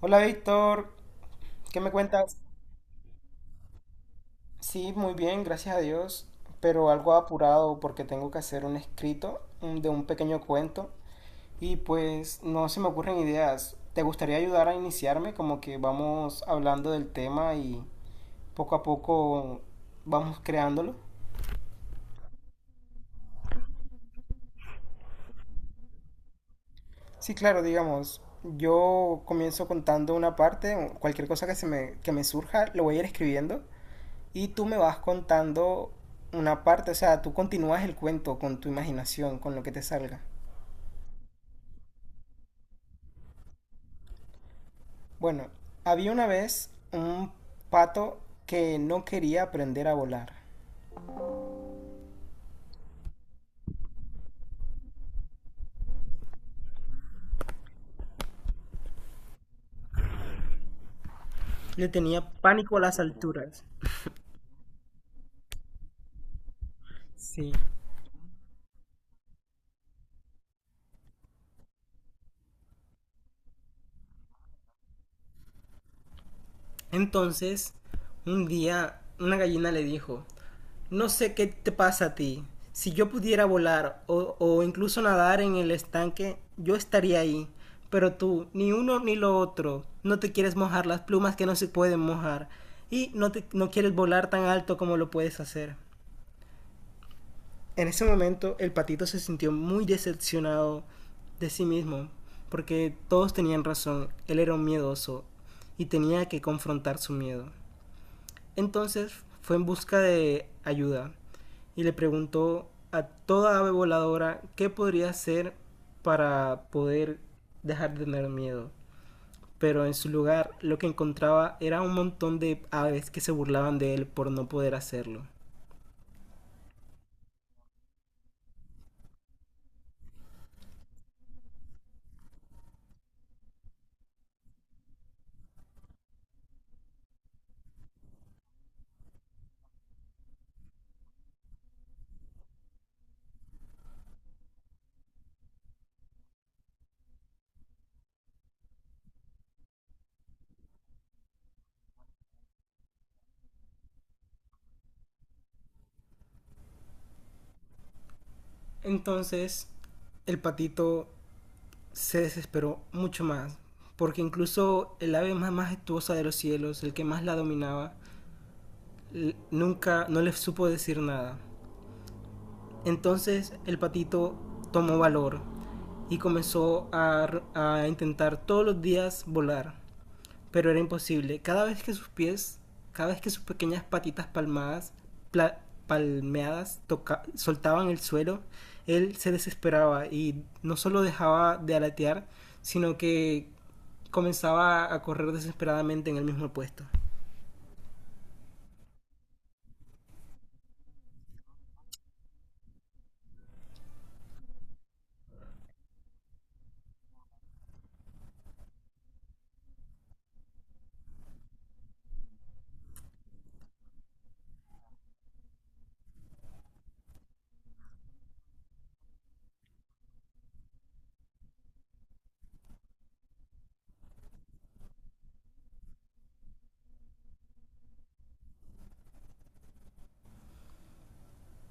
Hola Víctor, ¿qué me cuentas? Sí, muy bien, gracias a Dios, pero algo apurado porque tengo que hacer un escrito de un pequeño cuento y pues no se me ocurren ideas. ¿Te gustaría ayudar a iniciarme? Como que vamos hablando del tema y poco a poco vamos creándolo. Sí, claro, digamos, yo comienzo contando una parte, cualquier cosa que me surja, lo voy a ir escribiendo y tú me vas contando una parte, o sea, tú continúas el cuento con tu imaginación, con lo que te salga. Bueno, había una vez un pato que no quería aprender a volar. Le tenía pánico a las alturas. Sí. Entonces, un día una gallina le dijo, no sé qué te pasa a ti. Si yo pudiera volar o incluso nadar en el estanque, yo estaría ahí. Pero tú, ni uno ni lo otro, no te quieres mojar las plumas que no se pueden mojar y no, te, no quieres volar tan alto como lo puedes hacer. En ese momento el patito se sintió muy decepcionado de sí mismo, porque todos tenían razón, él era un miedoso y tenía que confrontar su miedo. Entonces fue en busca de ayuda y le preguntó a toda ave voladora qué podría hacer para poder dejar de tener miedo. Pero en su lugar lo que encontraba era un montón de aves que se burlaban de él por no poder hacerlo. Entonces el patito se desesperó mucho más, porque incluso el ave más majestuosa de los cielos, el que más la dominaba, nunca no le supo decir nada. Entonces el patito tomó valor y comenzó a intentar todos los días volar, pero era imposible. Cada vez que sus pequeñas patitas palmadas, pla, palmeadas, soltaban el suelo, él se desesperaba y no solo dejaba de alatear, sino que comenzaba a correr desesperadamente en el mismo puesto.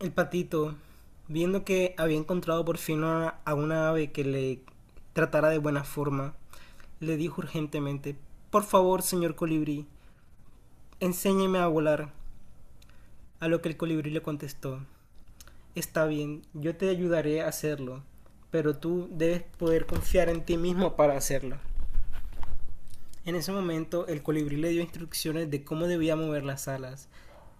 El patito, viendo que había encontrado por fin a una ave que le tratara de buena forma, le dijo urgentemente, por favor, señor colibrí, enséñeme a volar. A lo que el colibrí le contestó, está bien, yo te ayudaré a hacerlo, pero tú debes poder confiar en ti mismo para hacerlo. En ese momento, el colibrí le dio instrucciones de cómo debía mover las alas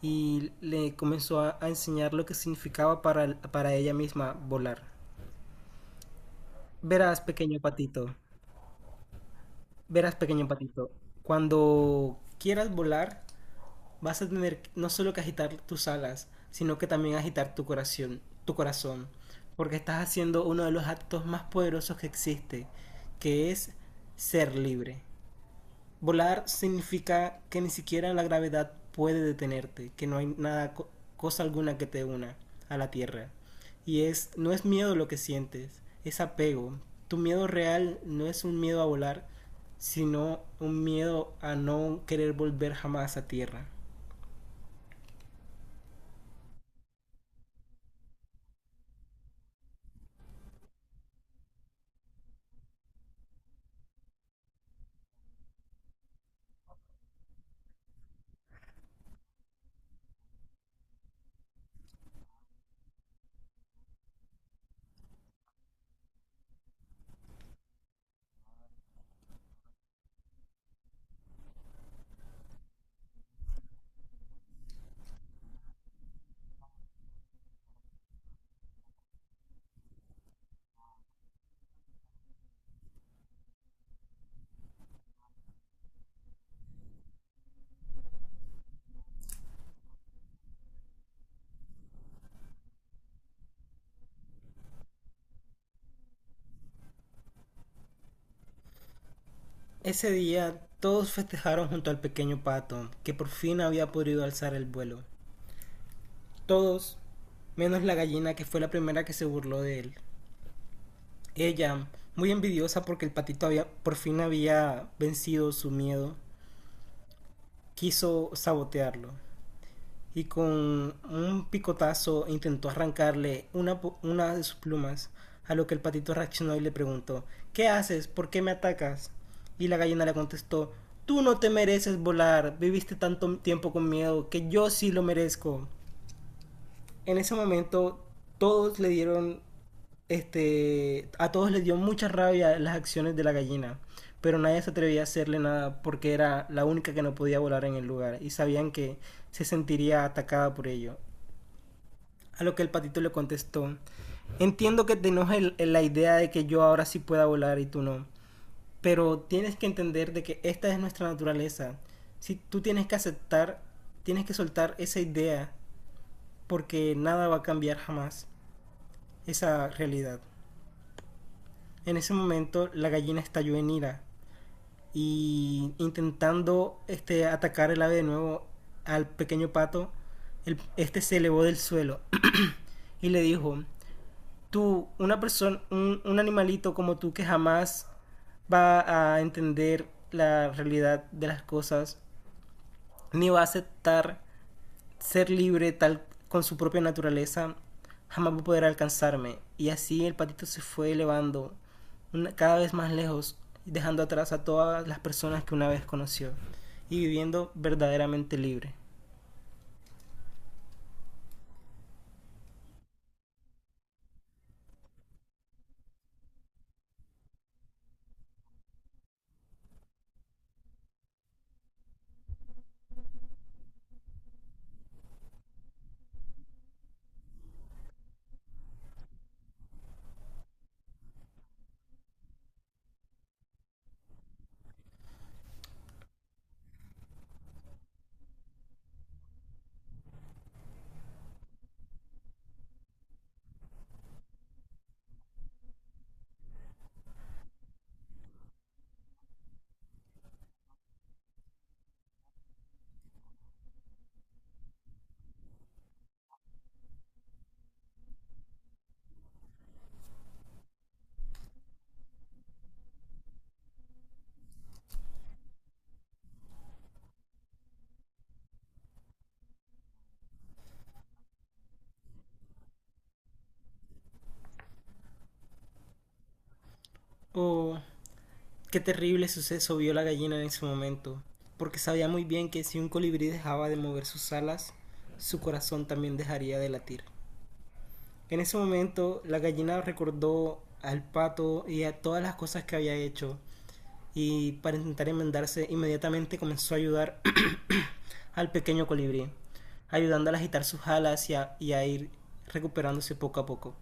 y le comenzó a enseñar lo que significaba para ella misma volar. Verás, pequeño patito, verás, pequeño patito, cuando quieras volar, vas a tener no solo que agitar tus alas, sino que también agitar tu corazón, porque estás haciendo uno de los actos más poderosos que existe, que es ser libre. Volar significa que ni siquiera la gravedad puede detenerte, que no hay nada, cosa alguna que te una a la tierra. No es miedo lo que sientes, es apego. Tu miedo real no es un miedo a volar, sino un miedo a no querer volver jamás a tierra. Ese día todos festejaron junto al pequeño pato, que por fin había podido alzar el vuelo. Todos, menos la gallina que fue la primera que se burló de él. Ella, muy envidiosa porque el por fin había vencido su miedo, quiso sabotearlo y con un picotazo intentó arrancarle una de sus plumas, a lo que el patito reaccionó y le preguntó, ¿qué haces? ¿Por qué me atacas? Y la gallina le contestó, tú no te mereces volar, viviste tanto tiempo con miedo que yo sí lo merezco. En ese momento todos le dieron Este, A todos les dio mucha rabia las acciones de la gallina, pero nadie se atrevía a hacerle nada porque era la única que no podía volar en el lugar y sabían que se sentiría atacada por ello. A lo que el patito le contestó, entiendo que te enoja la idea de que yo ahora sí pueda volar y tú no, pero tienes que entender de que esta es nuestra naturaleza. Si tú tienes que aceptar, tienes que soltar esa idea porque nada va a cambiar jamás esa realidad. En ese momento la gallina estalló en ira y atacar el ave de nuevo al pequeño pato, este se elevó del suelo y le dijo, tú, una persona, un animalito como tú que jamás va a entender la realidad de las cosas, ni va a aceptar ser libre tal con su propia naturaleza jamás va a poder alcanzarme. Y así el patito se fue elevando cada vez más lejos, dejando atrás a todas las personas que una vez conoció y viviendo verdaderamente libre. Oh, qué terrible suceso vio la gallina en ese momento, porque sabía muy bien que si un colibrí dejaba de mover sus alas, su corazón también dejaría de latir. En ese momento, la gallina recordó al pato y a todas las cosas que había hecho y para intentar enmendarse inmediatamente comenzó a ayudar al pequeño colibrí, ayudándole a agitar sus alas y a ir recuperándose poco a poco.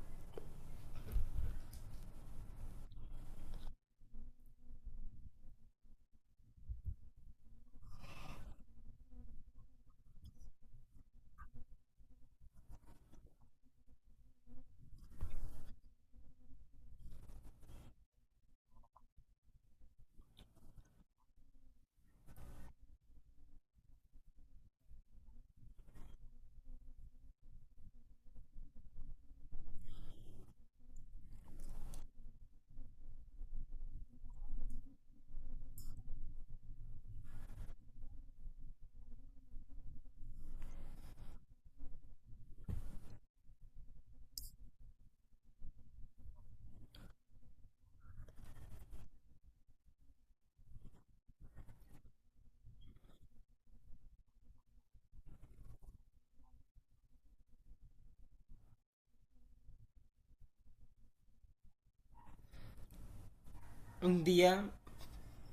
Un día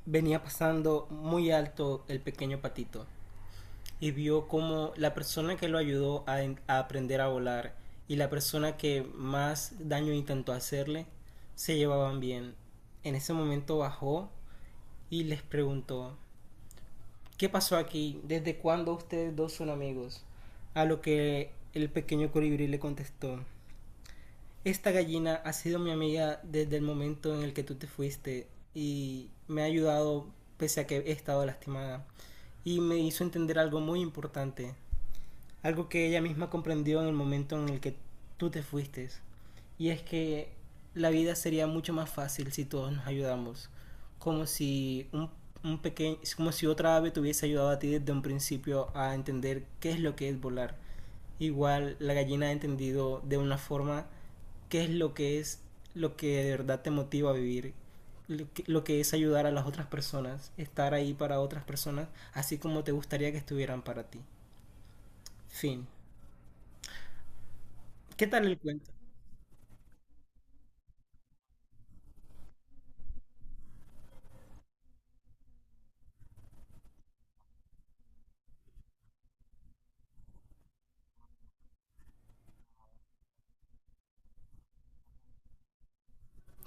venía pasando muy alto el pequeño patito y vio como la persona que lo a aprender a volar y la persona que más daño intentó hacerle se llevaban bien. En ese momento bajó y les preguntó, ¿qué pasó aquí? ¿Desde cuándo ustedes dos son amigos? A lo que el pequeño colibrí le contestó. Esta gallina ha sido mi amiga desde el momento en el que tú te fuiste y me ha ayudado pese a que he estado lastimada. Y me hizo entender algo muy importante, algo que ella misma comprendió en el momento en el que tú te fuiste. Y es que la vida sería mucho más fácil si todos nos ayudamos. Como si un, un pequeño, Como si otra ave te hubiese ayudado a ti desde un principio a entender qué es lo que es volar. Igual la gallina ha entendido de una forma qué es lo que de verdad te motiva a vivir, lo que es ayudar a las otras personas, estar ahí para otras personas, así como te gustaría que estuvieran para ti. Fin. ¿Qué tal el cuento?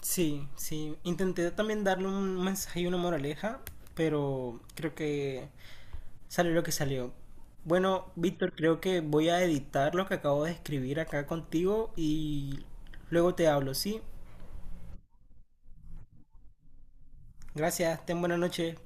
Sí, sí. Intenté también darle un mensaje y una moraleja, pero creo que salió lo que salió. Bueno, Víctor, creo que voy a editar lo que acabo de escribir acá contigo y luego te hablo, ¿sí? Gracias, ten buena noche.